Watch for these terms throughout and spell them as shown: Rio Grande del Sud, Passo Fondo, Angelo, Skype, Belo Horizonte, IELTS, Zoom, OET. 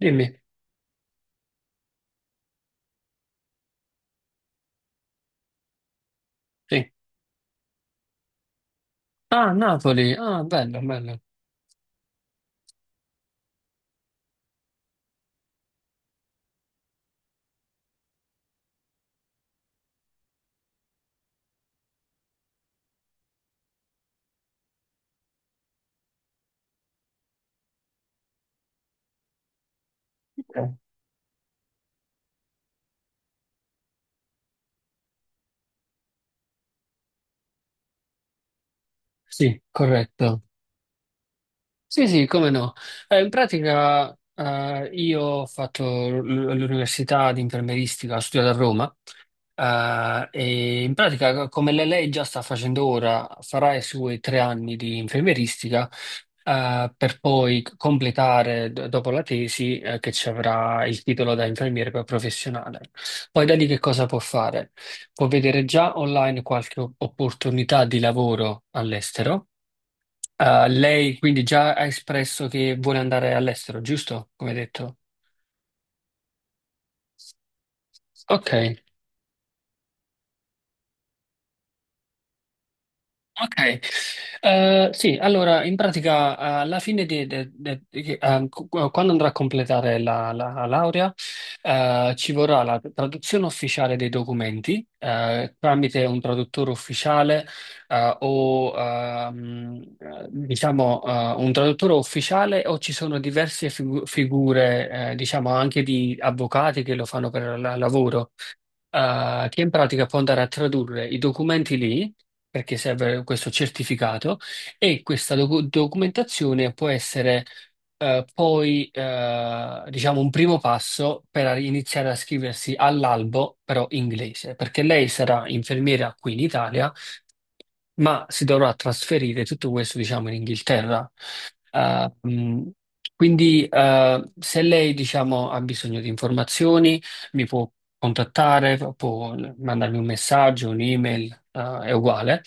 Dimmi, sì. Ah, Napoli, ah, bello, bello. Ok. Sì, corretto. Sì, sì, come no. In pratica, io ho fatto l'università di infermieristica, ho studiato a Roma. E in pratica, come lei già sta facendo ora, farà i suoi 3 anni di infermieristica, per poi completare dopo la tesi, che ci avrà il titolo da infermiere poi professionale. Poi da lì che cosa può fare? Può vedere già online qualche opportunità di lavoro all'estero. Lei quindi già ha espresso che vuole andare all'estero, giusto? Come detto. Ok. Ok. Sì, allora in pratica alla fine di, de- de- di che- cu- quando andrà a completare la, laurea, ci vorrà la traduzione ufficiale dei documenti tramite un traduttore ufficiale, o diciamo un traduttore ufficiale, o ci sono diverse figure, diciamo anche di avvocati che lo fanno per lavoro, che in pratica può andare a tradurre i documenti lì, perché serve questo certificato e questa documentazione. Può essere, poi, diciamo, un primo passo per iniziare a scriversi all'albo però inglese, perché lei sarà infermiera qui in Italia, ma si dovrà trasferire tutto questo, diciamo, in Inghilterra. Eh, mh, quindi, se lei, diciamo, ha bisogno di informazioni, mi può contattare, può mandarmi un messaggio, un'email, è uguale.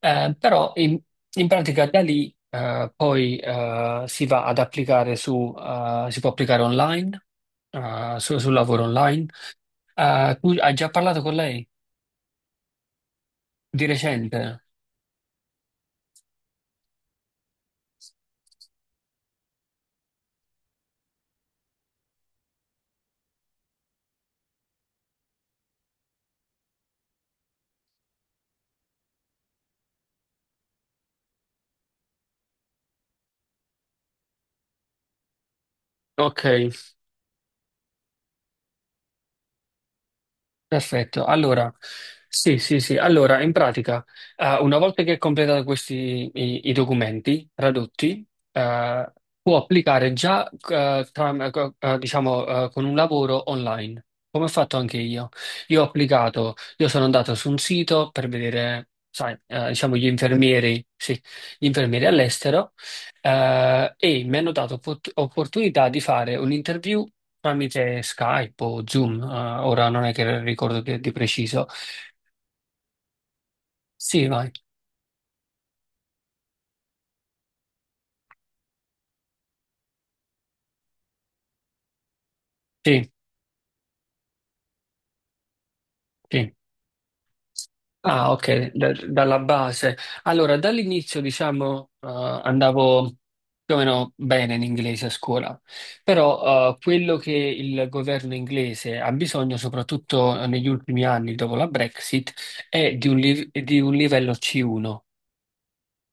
Però in pratica da lì, poi, si va ad applicare si può applicare online, sul lavoro online. Tu hai già parlato con lei di recente? Ok. Perfetto, allora, sì, sì, sì, allora, in pratica, una volta che hai completato questi i, i documenti tradotti, eh, può applicare già, diciamo, con un lavoro online, come ho fatto anche io. Io ho applicato, io sono andato su un sito per vedere, sai, diciamo, gli infermieri, sì, gli infermieri all'estero, e mi hanno dato opportunità di fare un'interview tramite Skype o Zoom, ora non è che ricordo di preciso. Sì, vai. Sì, sì. Ah, ok, dalla base. Allora, dall'inizio, diciamo, andavo più o meno bene in inglese a scuola, però quello che il governo inglese ha bisogno, soprattutto negli ultimi anni dopo la Brexit, è di un livello C1.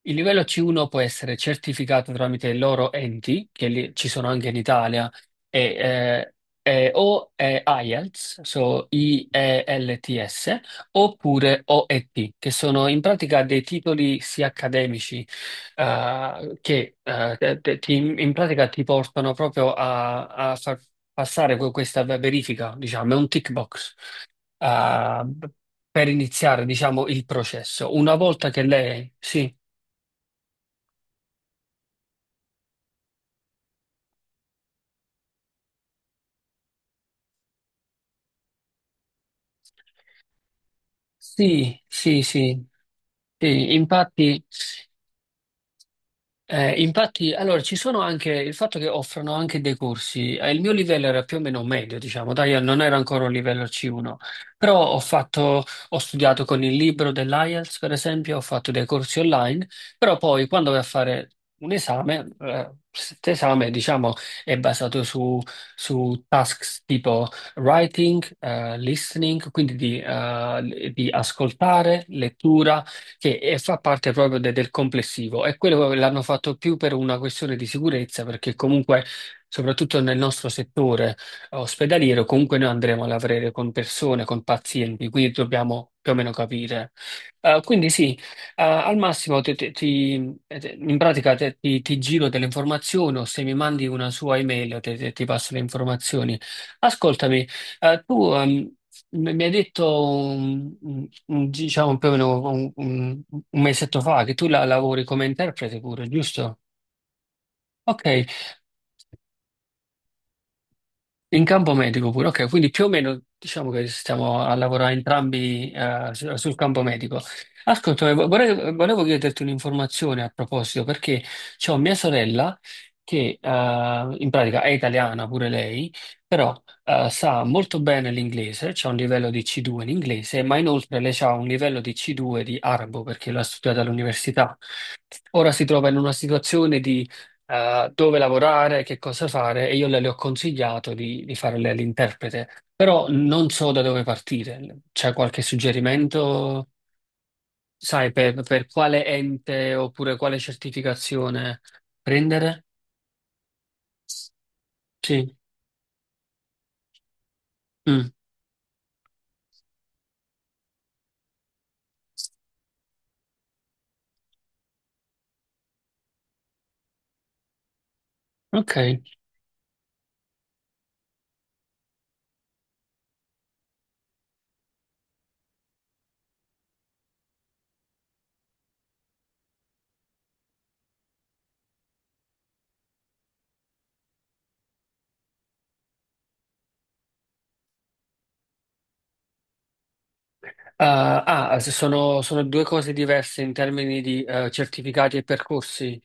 Il livello C1 può essere certificato tramite i loro enti, che ci sono anche in Italia, e, eh, o IELTS, so IELTS, oppure OET, che sono in pratica dei titoli sia accademici, che in pratica ti portano proprio a, far passare questa verifica, diciamo, è un tick box, eh, per iniziare, diciamo, il processo. Una volta che lei, sì. Sì, sì, sì. Sì, infatti. Infatti, allora ci sono anche il fatto che offrono anche dei corsi. Il mio livello era più o meno medio, diciamo, dai, io non era ancora un livello C1, però ho fatto, ho studiato con il libro dell'IELTS, per esempio, ho fatto dei corsi online, però poi quando vai a fare un esame, questo esame, diciamo, è basato su tasks tipo writing, listening, quindi di di ascoltare, lettura che fa parte proprio del complessivo, e quello l'hanno fatto più per una questione di sicurezza, perché comunque, soprattutto nel nostro settore ospedaliero, comunque noi andremo a lavorare con persone, con pazienti, quindi dobbiamo più o meno capire. Quindi sì, al massimo in pratica ti giro delle informazioni, o se mi mandi una sua email ti passo le informazioni. Ascoltami. Tu mi hai detto diciamo più o meno un mesetto fa che tu la lavori come interprete pure, giusto? Ok. In campo medico pure, ok, quindi più o meno diciamo che stiamo a lavorare entrambi, sul campo medico. Ascolta, volevo chiederti un'informazione a proposito, perché c'ho mia sorella che, in pratica, è italiana pure lei, però sa molto bene l'inglese, c'ha un livello di C2 in inglese, ma inoltre lei ha un livello di C2 di arabo perché l'ha studiato all'università. Ora si trova in una situazione di, dove lavorare, che cosa fare, e io le, ho consigliato di fare l'interprete, però non so da dove partire. C'è qualche suggerimento, sai, per quale ente oppure quale certificazione prendere? Sì. Mm, ok. Sono due cose diverse in termini di, certificati e percorsi.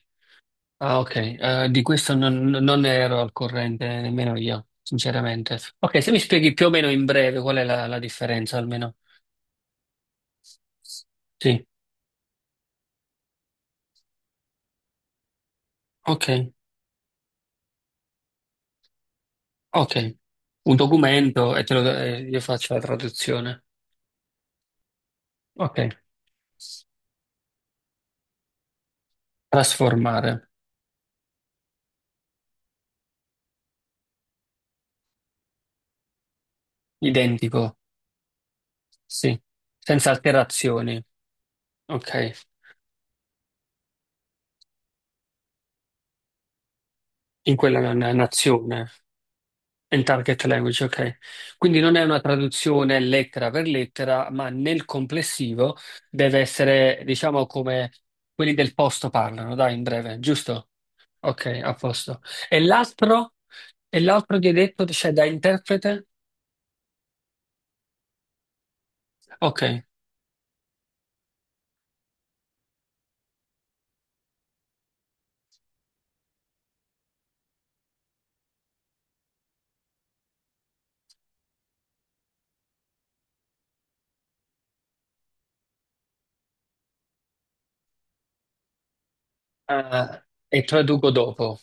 Ah, ok, di questo non, ero al corrente nemmeno io, sinceramente. Ok, se mi spieghi più o meno in breve qual è la differenza, almeno. Sì, ok, ok. Un documento e te lo, e io faccio la traduzione. Ok, trasformare, identico, sì, senza alterazioni, ok, in quella nazione. In target language, ok. Quindi non è una traduzione lettera per lettera, ma nel complessivo deve essere, diciamo, come quelli del posto parlano, dai, in breve, giusto? Ok, a posto. E l'altro? E l'altro che hai detto, c'è da interprete? Ok. Ah, e traduco dopo.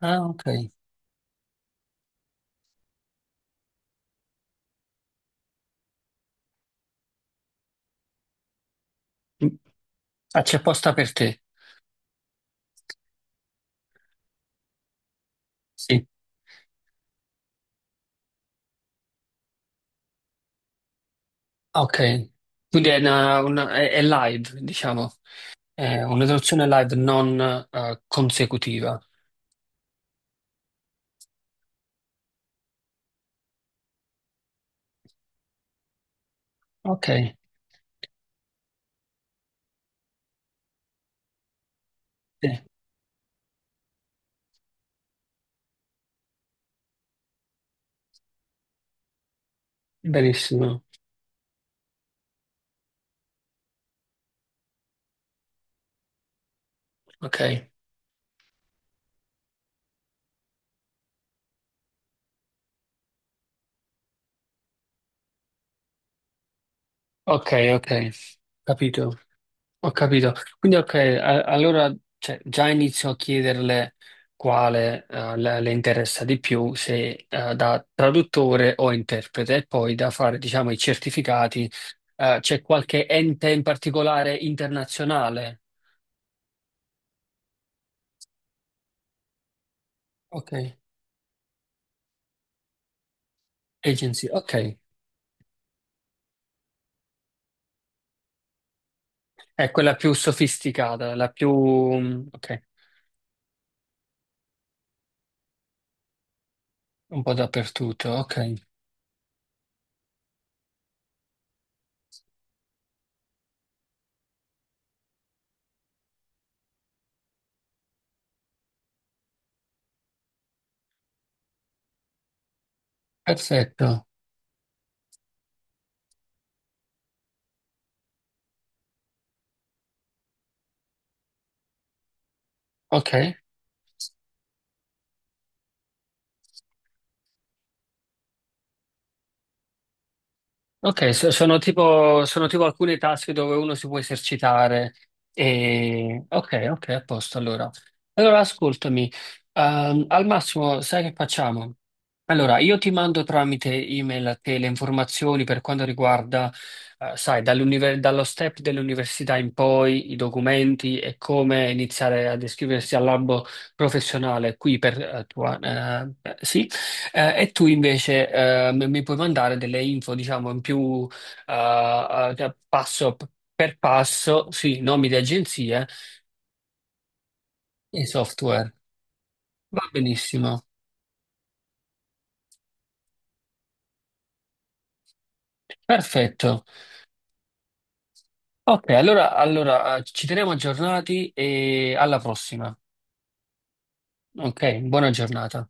Ah, ok. Ah, c'è posta per te. Sì. Ok. Quindi è live, diciamo. È una traduzione live, non consecutiva. Ok. Sì, benissimo. Ok, ok, ok, capito, ho capito. Quindi, ok, allora, cioè, già inizio a chiederle quale, le interessa di più, se da traduttore o interprete, e poi da fare, diciamo, i certificati. C'è qualche ente in particolare internazionale? Ok, agency, ok, è quella più sofisticata, la più, ok, un po' dappertutto, ok, perfetto, ok. Ok, sono tipo alcune task dove uno si può esercitare. Ok, ok, a posto allora. Allora, ascoltami, al massimo, sai che facciamo? Allora, io ti mando tramite email a te le informazioni per quanto riguarda, sai, dallo step dell'università in poi, i documenti e come iniziare ad iscriversi al albo professionale qui per, tua, sì, e tu invece mi puoi mandare delle info, diciamo, in più, eh, cioè, passo per passo, sì, nomi di agenzie e software. Va benissimo. Perfetto. Ok, allora, ci teniamo aggiornati e alla prossima. Ok, buona giornata.